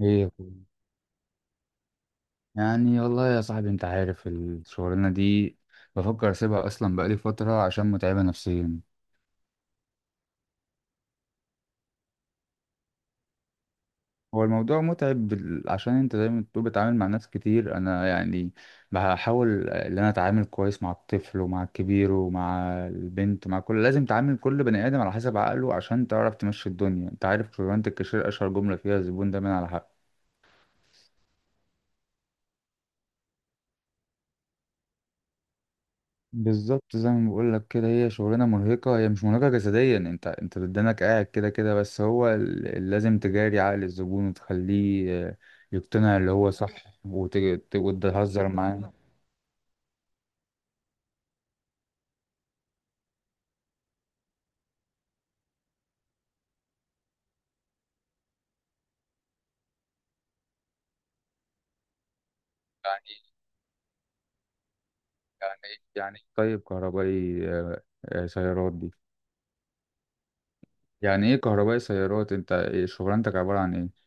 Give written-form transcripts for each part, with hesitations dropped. ايه يا أخوي؟ يعني والله يا صاحبي انت عارف الشغلانه دي. بفكر اسيبها اصلا بقالي فتره عشان متعبه نفسيا. هو الموضوع متعب عشان انت زي ما بتقول بتعامل مع ناس كتير. انا يعني بحاول ان انا اتعامل كويس مع الطفل ومع الكبير ومع البنت، مع كل، لازم تعامل كل بني ادم على حسب عقله عشان تعرف تمشي الدنيا. انت عارف شغلانه الكاشير اشهر جمله فيها الزبون دايما على حق. بالظبط زي ما بقول لك كده، هي شغلانه مرهقه، هي مش مرهقه جسديا، انت بدنك قاعد كده كده، بس هو لازم تجاري عقل الزبون وتخليه يقتنع اللي هو صح وتهزر معاه. يعني يعني ايه يعني إيه طيب كهربائي سيارات دي؟ يعني ايه كهربائي سيارات، انت إيه شغلانتك عباره عن ايه؟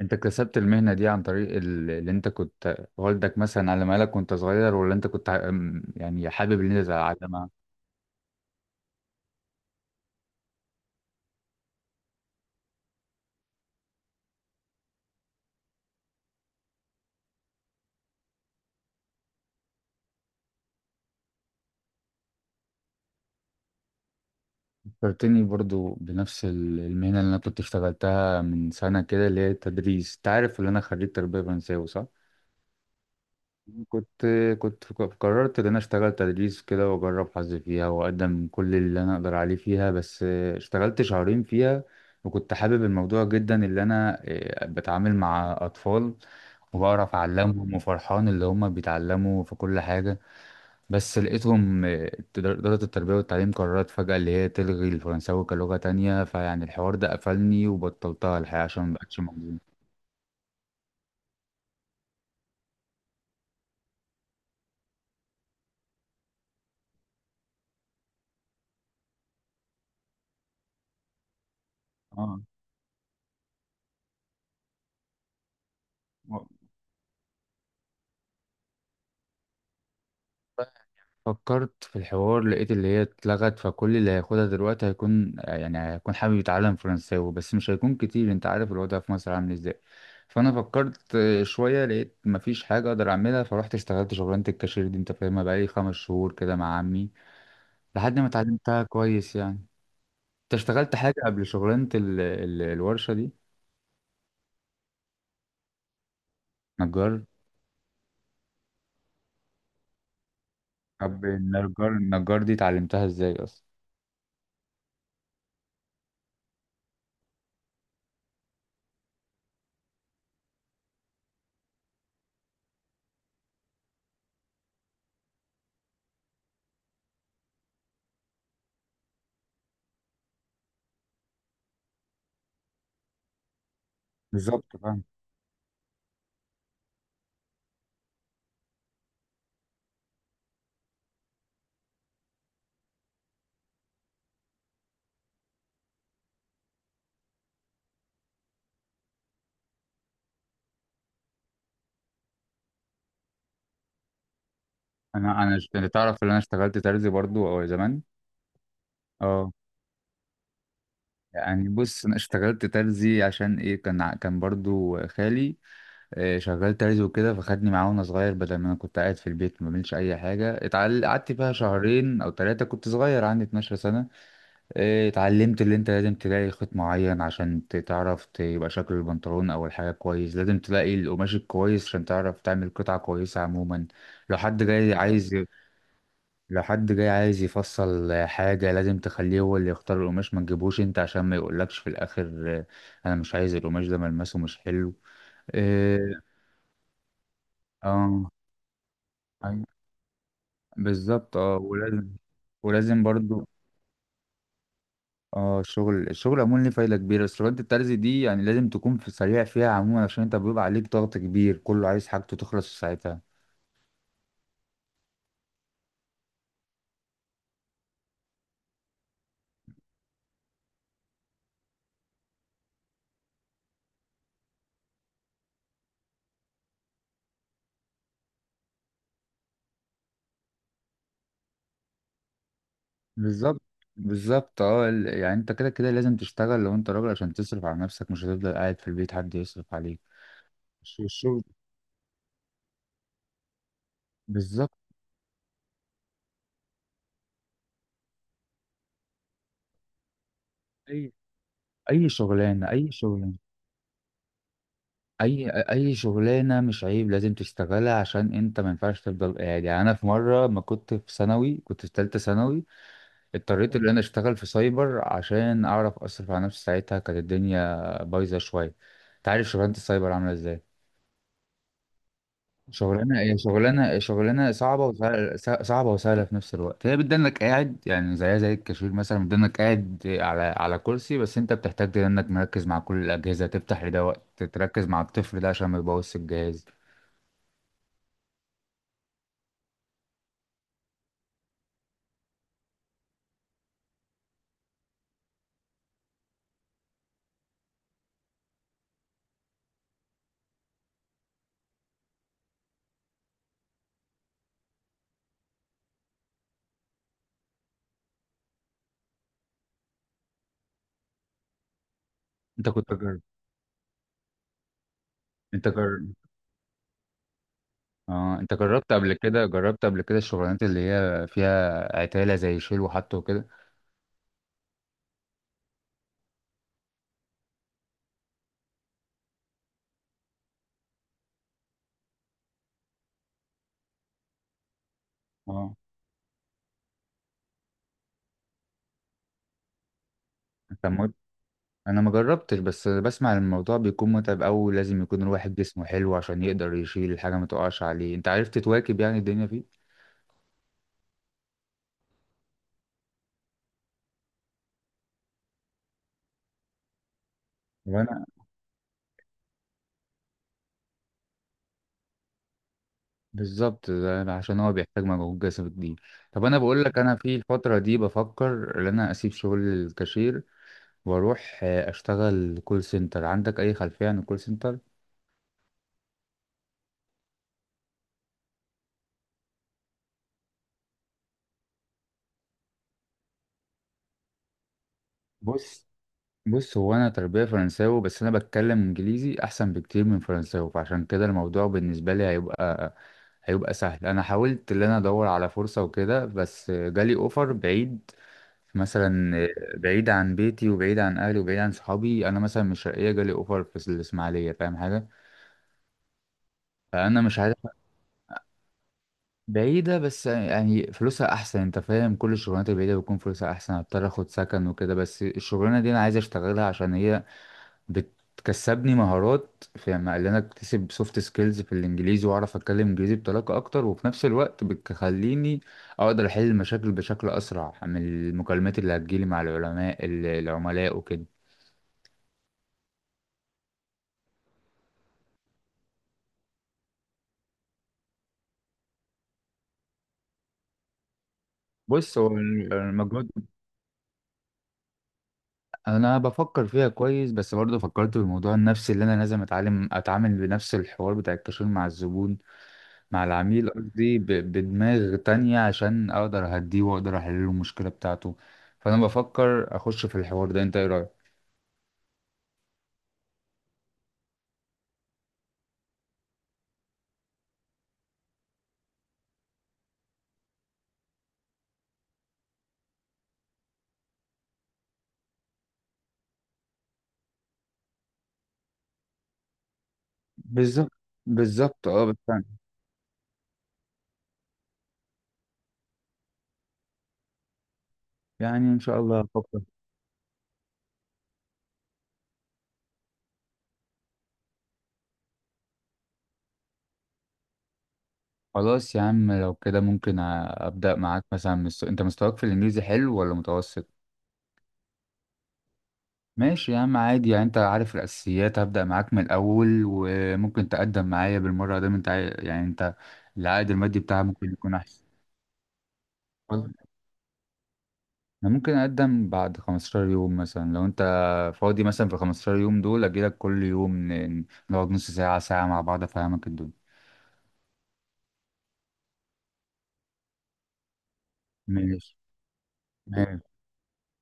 انت اكتسبت المهنه دي عن طريق اللي انت كنت والدك مثلا علمها لك وانت صغير، ولا انت يعني حابب ان انت تتعلمها؟ فكرتني برضو بنفس المهنة اللي أنا كنت اشتغلتها من سنة كده، اللي هي التدريس. تعرف اللي أنا خريج تربية فرنساوي صح؟ كنت كنت قررت إن أنا أشتغل تدريس كده وأجرب حظي فيها وأقدم كل اللي أنا أقدر عليه فيها، بس اشتغلت شهرين فيها وكنت حابب الموضوع جدا، اللي أنا بتعامل مع أطفال وبعرف أعلمهم وفرحان اللي هم بيتعلموا في كل حاجة. بس لقيتهم إدارة التربية والتعليم قررت فجأة اللي هي تلغي الفرنساوي كلغة تانية، فيعني الحوار ده قفلني وبطلتها الحقيقة عشان مبقتش موجود. اه. و- فكرت في الحوار لقيت اللي هي اتلغت، فكل اللي هياخدها دلوقتي هيكون يعني هيكون حابب يتعلم فرنساوي بس مش هيكون كتير، انت عارف الوضع في مصر عامل ازاي. فانا فكرت شوية لقيت مفيش حاجة اقدر اعملها، فروحت اشتغلت شغلانة الكاشير دي انت فاهمها، بقالي خمس شهور كده مع عمي لحد ما اتعلمتها كويس يعني. انت اشتغلت حاجة قبل شغلانة الورشة دي؟ نجار؟ طب النجار دي اتعلمتها ازاي اصلا؟ بالظبط فاهم. انت تعرف ان انا اشتغلت ترزي برضو او زمان. اه. يعني بص، انا اشتغلت ترزي عشان ايه؟ كان كان برضو خالي شغال ترزي وكده، فخدني معاه وانا صغير بدل ما انا كنت قاعد في البيت ما بعملش اي حاجة، قعدت فيها شهرين او ثلاثة، كنت صغير عندي 12 سنة. اتعلمت اللي انت لازم تلاقي خيط معين عشان تعرف تبقى شكل البنطلون او الحاجة كويس، لازم تلاقي القماش الكويس عشان تعرف تعمل قطعة كويسة عموما. لو حد جاي بالظبط عايز، لو حد جاي عايز يفصل حاجة لازم تخليه هو اللي يختار القماش، ما تجيبوش انت عشان ما يقولكش في الاخر انا مش عايز القماش ده ملمسه مش حلو. إيه، اه. أيوة، بالظبط اه، ولازم، ولازم برضو، اه الشغل، الشغل عموما ليه فايده كبيره، بس الوجبه الترزي دي يعني لازم تكون في سريع فيها عموما عشان انت بيبقى عليك ضغط كبير، كله عايز حاجته تخلص في ساعتها. بالظبط، بالظبط اه يعني انت كده كده لازم تشتغل لو انت راجل عشان تصرف على نفسك، مش هتفضل قاعد في البيت حد يصرف عليك. الشغل. بالظبط. اي، اي شغلانه. اي شغلانه، مش عيب لازم تشتغلها عشان انت ما ينفعش تفضل قاعد. يعني انا في مره، ما كنت في ثانوي كنت في ثالثه ثانوي، اضطريت ان انا اشتغل في سايبر عشان اعرف اصرف على نفسي، ساعتها كانت الدنيا بايظه شويه. انت عارف شغلانه السايبر عامله ازاي؟ شغلانه، هي شغلانه صعبه وسهله، صعبه وسهله في نفس الوقت، هي بتدنك قاعد يعني زيها زي الكاشير مثلا، بتدنك قاعد على على كرسي، بس انت بتحتاج انك مركز مع كل الاجهزه، تفتح لده وقت تركز مع الطفل ده عشان ما يبوظش الجهاز. انت كنت جرب، انت جرب، اه انت جربت قبل كده، جربت قبل كده الشغلانات اللي هي فيها عتاله زي شيل وحط وكده؟ اه. كان مت... انا ما جربتش بس بسمع إن الموضوع بيكون متعب أوي، لازم يكون الواحد جسمه حلو عشان يقدر يشيل الحاجة ما تقعش عليه. انت عرفت تواكب يعني الدنيا فيه؟ وانا، بالظبط ده عشان هو بيحتاج مجهود جسدي كبير. طب انا بقول لك، انا في الفترة دي بفكر ان انا اسيب شغل الكاشير واروح اشتغل كول سنتر. عندك اي خلفية عن الكول سنتر؟ بص، بص هو انا تربية فرنساوي بس انا بتكلم انجليزي احسن بكتير من فرنساوي، فعشان كده الموضوع بالنسبة لي هيبقى سهل. انا حاولت ان انا ادور على فرصة وكده بس جالي اوفر بعيد مثلا، بعيد عن بيتي وبعيد عن اهلي وبعيد عن صحابي، انا مثلا من الشرقية جالي اوفر في الاسماعيلية فاهم حاجة؟ فانا مش عارف. بعيدة بس يعني فلوسها احسن، انت فاهم كل الشغلانات البعيدة بيكون فلوسها احسن، هضطر اخد سكن وكده، بس الشغلانة دي انا عايز اشتغلها عشان هي بتكسبني مهارات في اللي انا اكتسب سوفت سكيلز في الانجليزي واعرف اتكلم انجليزي بطلاقه اكتر، وفي نفس الوقت بتخليني اقدر احل المشاكل بشكل اسرع من المكالمات اللي هتجيلي مع العلماء، العملاء وكده. بص هو المجهود، انا بفكر فيها كويس بس برضه فكرت في الموضوع النفسي، اللي انا لازم اتعلم اتعامل بنفس الحوار بتاع الكاشير مع الزبون، مع العميل قصدي، بدماغ تانية عشان اقدر اهديه واقدر احل له المشكلة بتاعته. فانا بفكر اخش في الحوار ده، انت ايه رأيك؟ بالظبط، بالظبط اه بس يعني ان شاء الله هفكر. خلاص يا عم لو كده ممكن ابدأ معاك مثلا من انت مستواك في الانجليزي حلو ولا متوسط؟ ماشي يا عم عادي، يعني انت عارف الاساسيات هبدأ معاك من الاول، وممكن تقدم معايا بالمرة ده، انت يعني انت العائد المادي بتاعها ممكن يكون احسن. انا ممكن اقدم بعد 15 يوم مثلا لو انت فاضي، مثلا في 15 يوم دول اجيلك كل يوم، نقعد نص ساعة ساعة مع بعض افهمك الدنيا. ماشي. ماشي.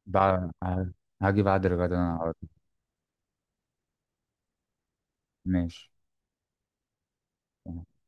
بعد، هاجي بعد الغدا انا على طول. ماشي.